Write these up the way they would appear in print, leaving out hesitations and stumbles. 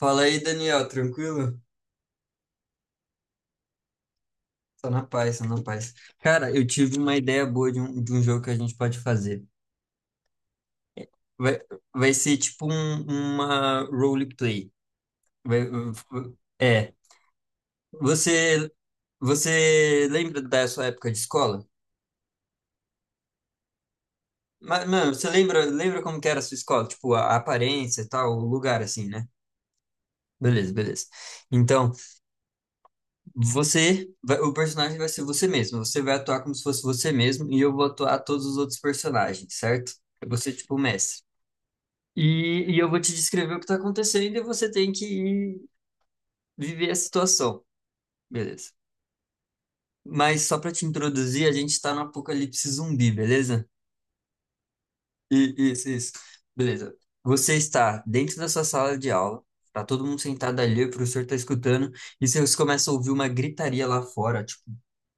Fala aí, Daniel, tranquilo? Só na paz, só na paz. Cara, eu tive uma ideia boa de um jogo que a gente pode fazer. Vai, vai ser uma roleplay. Vai, é, você, você lembra da sua época de escola? Mas, mano, você lembra como que era a sua escola? Tipo, a aparência e tal, o lugar assim, né? Beleza, beleza. Então, o personagem vai ser você mesmo. Você vai atuar como se fosse você mesmo e eu vou atuar todos os outros personagens, certo? Eu vou ser tipo o mestre. E eu vou te descrever o que tá acontecendo e você tem que ir viver a situação, beleza? Mas só para te introduzir, a gente tá no apocalipse zumbi, beleza? Isso. Beleza. Você está dentro da sua sala de aula, tá todo mundo sentado ali, o professor tá escutando, e vocês começam a ouvir uma gritaria lá fora,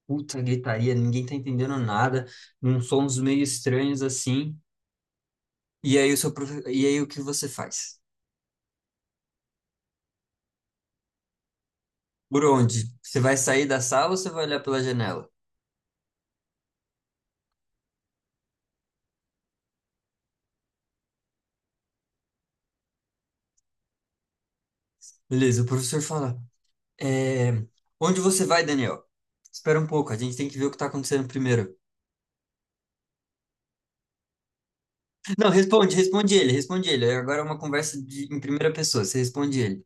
puta gritaria, ninguém tá entendendo nada, uns sons meio estranhos assim. E aí o que você faz? Por onde? Você vai sair da sala ou você vai olhar pela janela? Beleza, o professor fala: é... Onde você vai, Daniel? Espera um pouco, a gente tem que ver o que tá acontecendo primeiro. Não, responde ele, responde ele. Agora é uma conversa em primeira pessoa, você responde ele.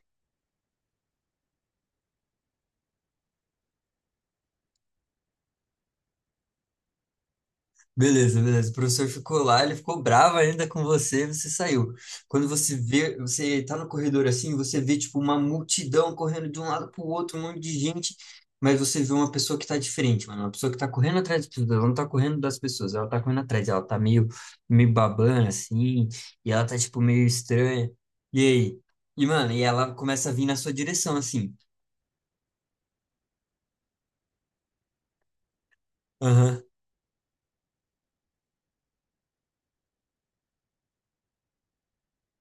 Beleza, beleza. O professor ficou lá, ele ficou bravo ainda com você, você saiu. Quando você vê, você tá no corredor assim, você vê tipo uma multidão correndo de um lado pro outro, um monte de gente, mas você vê uma pessoa que tá diferente, mano, uma pessoa que tá correndo atrás das pessoas, ela não tá correndo das pessoas, ela tá correndo atrás, ela tá meio babana assim, e ela tá tipo meio estranha. E aí? E mano, e ela começa a vir na sua direção assim. Aham.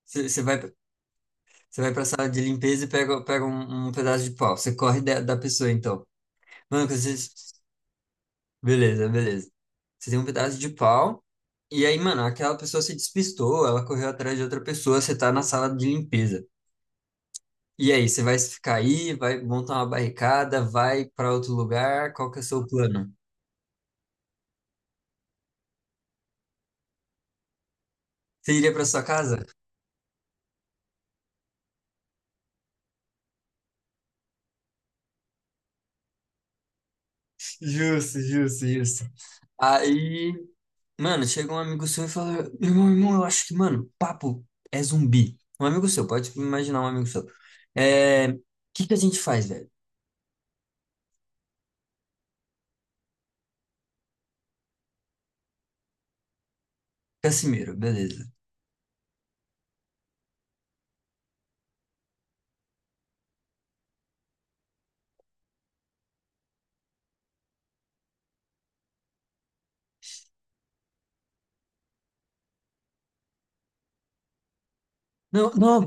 Você vai Você vai pra sala de limpeza e pega um pedaço de pau. Você corre da pessoa, então. Mano, quando vocês... Beleza, beleza. Você tem um pedaço de pau, e aí, mano, aquela pessoa se despistou, ela correu atrás de outra pessoa, você tá na sala de limpeza. E aí, você vai ficar aí, vai montar uma barricada, vai pra outro lugar, qual que é o seu plano? Você iria pra sua casa? Justo, justo, justo. Aí, mano, chega um amigo seu e fala, irmão, irmão, eu acho que, mano, papo é zumbi. Um amigo seu, pode imaginar um amigo seu. O que que a gente faz, velho? Cassimiro, beleza. Não, não,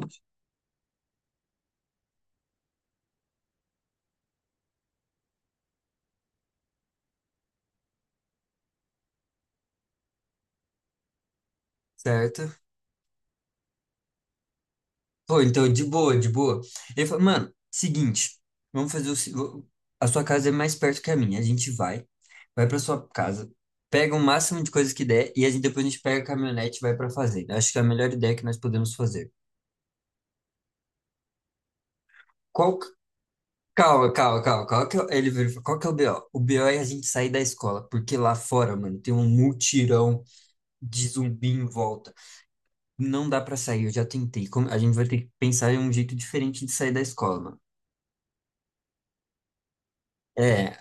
certo. Pô, então, de boa, de boa. Ele falou, mano, seguinte, vamos fazer o. se- vo- A sua casa é mais perto que a minha. A gente vai, vai pra sua casa, pega o máximo de coisas que der e a gente, depois a gente pega a caminhonete e vai pra fazenda. Acho que é a melhor ideia que nós podemos fazer. Qual. que- Calma, calma, calma. Qual que é, o- ele virou e falou, qual que é o BO? O BO é a gente sair da escola, porque lá fora, mano, tem um mutirão de zumbi em volta. Não dá pra sair, eu já tentei. A gente vai ter que pensar em um jeito diferente de sair da escola, mano. É,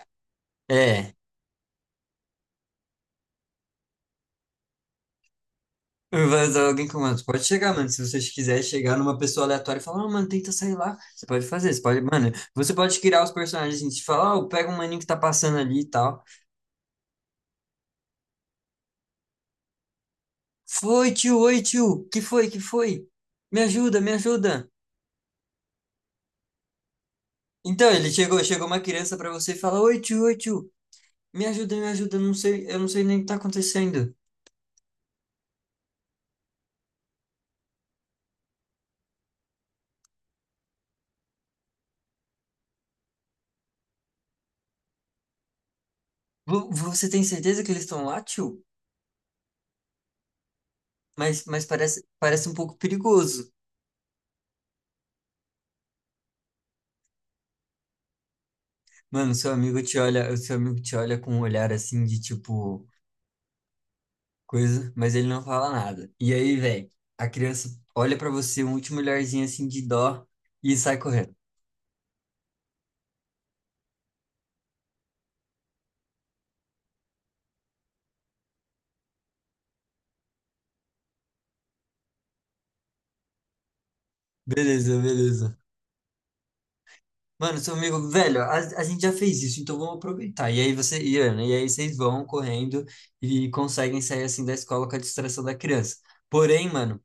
é. Vai dar alguém com mano. Você Pode chegar, mano. Se você quiser chegar numa pessoa aleatória e falar, ah, mano, tenta sair lá. Você pode. Mano, você pode criar os personagens. Gente, falar ó, pega um maninho que tá passando ali e tal. Foi, tio, oi, tio. Que foi, que foi? Me ajuda, me ajuda. Então, chegou uma criança pra você e fala, oi, tio, oi, tio. Me ajuda, me ajuda. Eu não sei nem o que tá acontecendo. Você tem certeza que eles estão lá, tio? Mas parece um pouco perigoso. Mano, seu amigo te olha, o seu amigo te olha com um olhar assim de tipo coisa, mas ele não fala nada. E aí, velho, a criança olha pra você um último olharzinho assim de dó e sai correndo. Beleza, beleza. Mano, seu amigo, velho, a gente já fez isso, então vamos aproveitar. E aí você, e, Ana, e aí vocês vão correndo e conseguem sair assim da escola com a distração da criança. Porém, mano,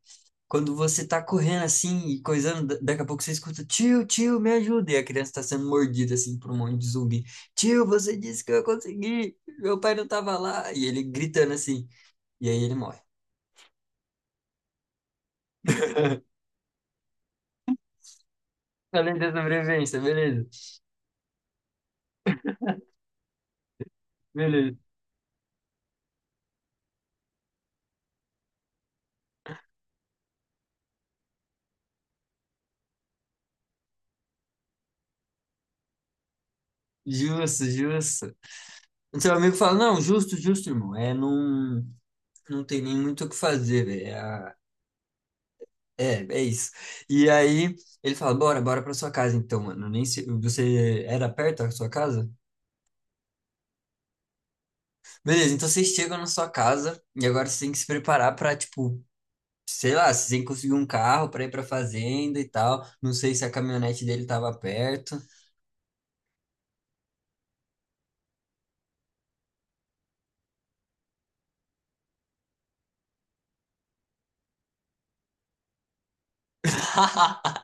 quando você tá correndo assim e coisando, daqui a pouco você escuta, tio, tio, me ajuda. E a criança tá sendo mordida assim por um monte de zumbi. Tio, você disse que eu consegui, meu pai não tava lá. E ele gritando assim. E aí ele morre. Além da sobrevivência, beleza. Beleza. Justo, justo. O seu amigo fala, não, justo, justo, irmão. É, não, não tem nem muito o que fazer, velho. É é isso. E aí ele fala, bora, bora pra sua casa então, mano. Nem se, você era perto da sua casa? Beleza, então vocês chegam na sua casa e agora vocês têm que se preparar pra, tipo, sei lá, vocês têm que conseguir um carro pra ir pra fazenda e tal. Não sei se a caminhonete dele tava perto.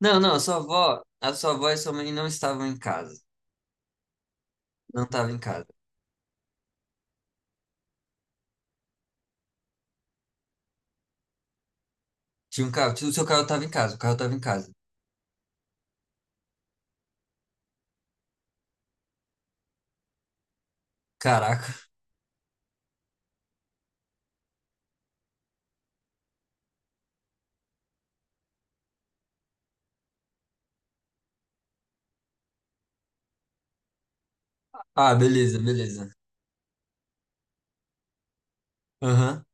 Não, não, a sua avó e sua mãe não estavam em casa. Não estavam em casa. Tinha um carro, tinha- o seu carro estava em casa, o carro estava em casa. Caraca. Ah, beleza, beleza. Aham.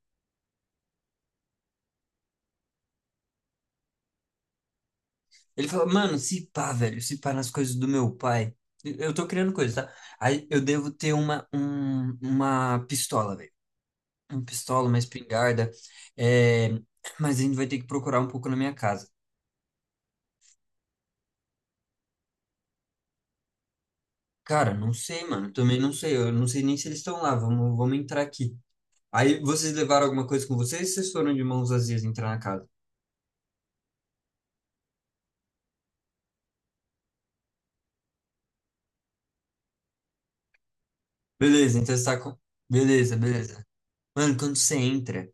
Ele falou, mano, se pá, velho, se pá nas coisas do meu pai. Eu tô criando coisas, tá? Aí eu devo ter uma pistola, velho. Uma pistola, uma espingarda. É... Mas a gente vai ter que procurar um pouco na minha casa. Cara, não sei, mano. Também não sei. Eu não sei nem se eles estão lá. Vamos, vamos entrar aqui. Aí vocês levaram alguma coisa com vocês, ou vocês foram de mãos vazias entrar na casa? Beleza, então você tá com. Beleza, beleza. Mano, quando você entra,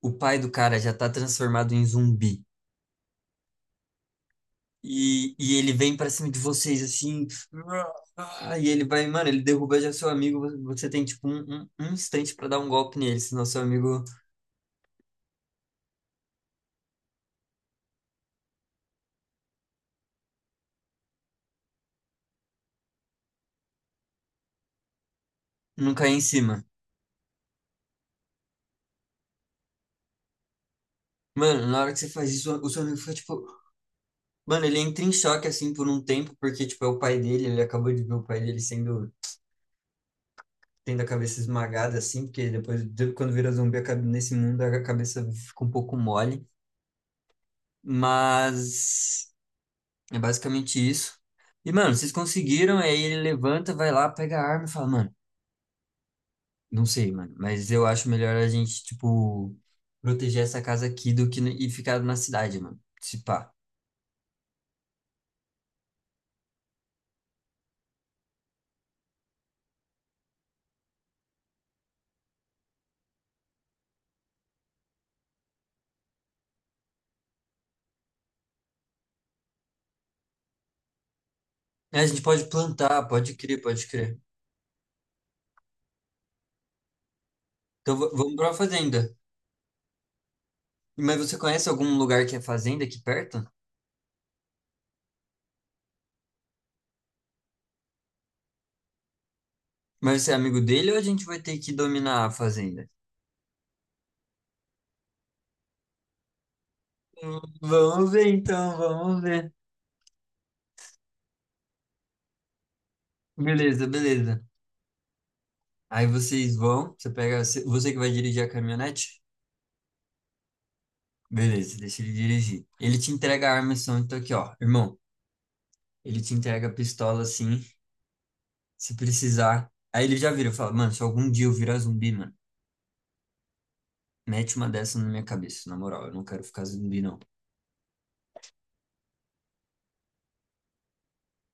o pai do cara já tá transformado em zumbi. E ele vem pra cima de vocês assim. E ele vai, mano, ele derruba já seu amigo. Você tem tipo um instante pra dar um golpe nele, senão seu amigo não cai em cima. Mano, na hora que você faz isso, o seu amigo fica tipo. Mano, ele entra em choque assim por um tempo, porque tipo é o pai dele, ele acabou de ver o pai dele sendo tendo a cabeça esmagada assim, porque quando vira zumbi, nesse mundo a cabeça fica um pouco mole. Mas é basicamente isso. E, mano, vocês conseguiram, aí ele levanta, vai lá, pega a arma e fala, mano, não sei, mano, mas eu acho melhor a gente, tipo, proteger essa casa aqui do que ficar na cidade, mano. Se pá. É, a gente pode plantar, pode crer, pode crer. Então vamos pra fazenda. Mas você conhece algum lugar que é fazenda aqui perto? Mas você é amigo dele ou a gente vai ter que dominar a fazenda? Vamos ver então, vamos ver. Beleza, beleza. Aí vocês vão, você pega, você que vai dirigir a caminhonete? Beleza, deixa ele dirigir. Ele te entrega a arma e som, então aqui, ó, irmão. Ele te entrega a pistola assim, se precisar. Aí ele já vira, fala, mano, se algum dia eu virar zumbi, mano, mete uma dessa na minha cabeça, na moral, eu não quero ficar zumbi, não.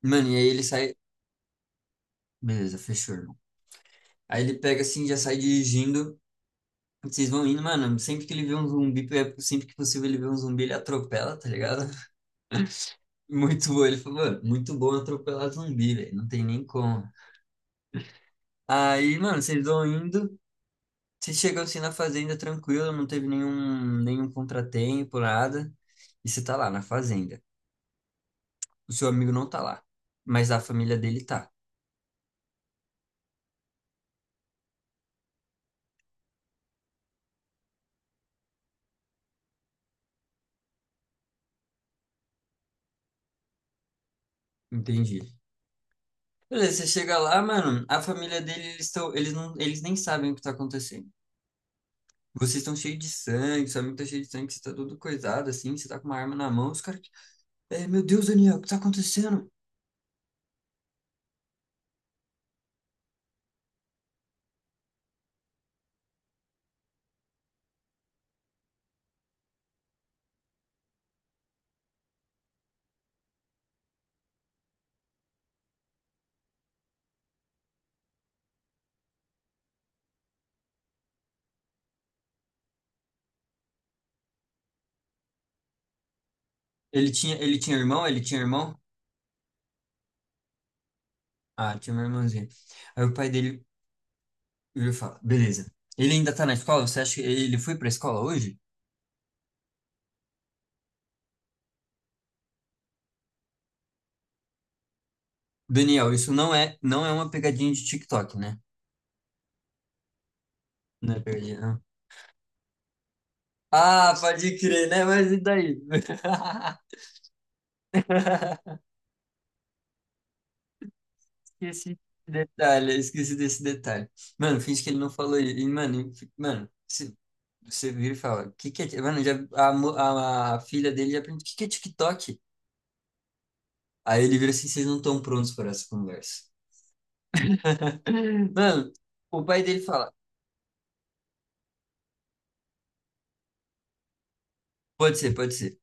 Mano, e aí ele sai, beleza, fechou, irmão. Aí ele pega assim, já sai dirigindo. Vocês vão indo, mano. Sempre que possível ele vê um zumbi, ele atropela, tá ligado? Muito bom. Ele falou, mano, muito bom atropelar zumbi, velho. Não tem nem como. Aí, mano, vocês vão indo. Vocês chegam assim na fazenda tranquilo, não teve nenhum contratempo, nada. E você tá lá na fazenda. O seu amigo não tá lá, mas a família dele tá. Entendi. Beleza, você chega lá, mano, a família dele, eles estão, eles não, eles nem sabem o que tá acontecendo. Vocês estão cheios de sangue, seu amigo tá cheio de sangue, você tá todo coisado assim, você tá com uma arma na mão, os caras, é, meu Deus, Daniel, o que tá acontecendo? Ele tinha irmão? Ele tinha irmão? Ah, tinha uma irmãzinha. Aí o pai dele vira e fala, beleza. Ele ainda tá na escola? Você acha que ele foi pra escola hoje? Daniel, isso não é, não é uma pegadinha de TikTok, né? Não é pegadinha, não. Ah, pode crer, né? Mas e daí? Esqueci desse detalhe, esqueci desse detalhe. Mano, finge que ele não falou isso. E- mano, se- você vira e fala, Mano, já, a filha dele já pergunta, o que que é TikTok? Aí ele vira assim, vocês não estão prontos para essa conversa. Mano, o pai dele fala: Pode ser, pode ser.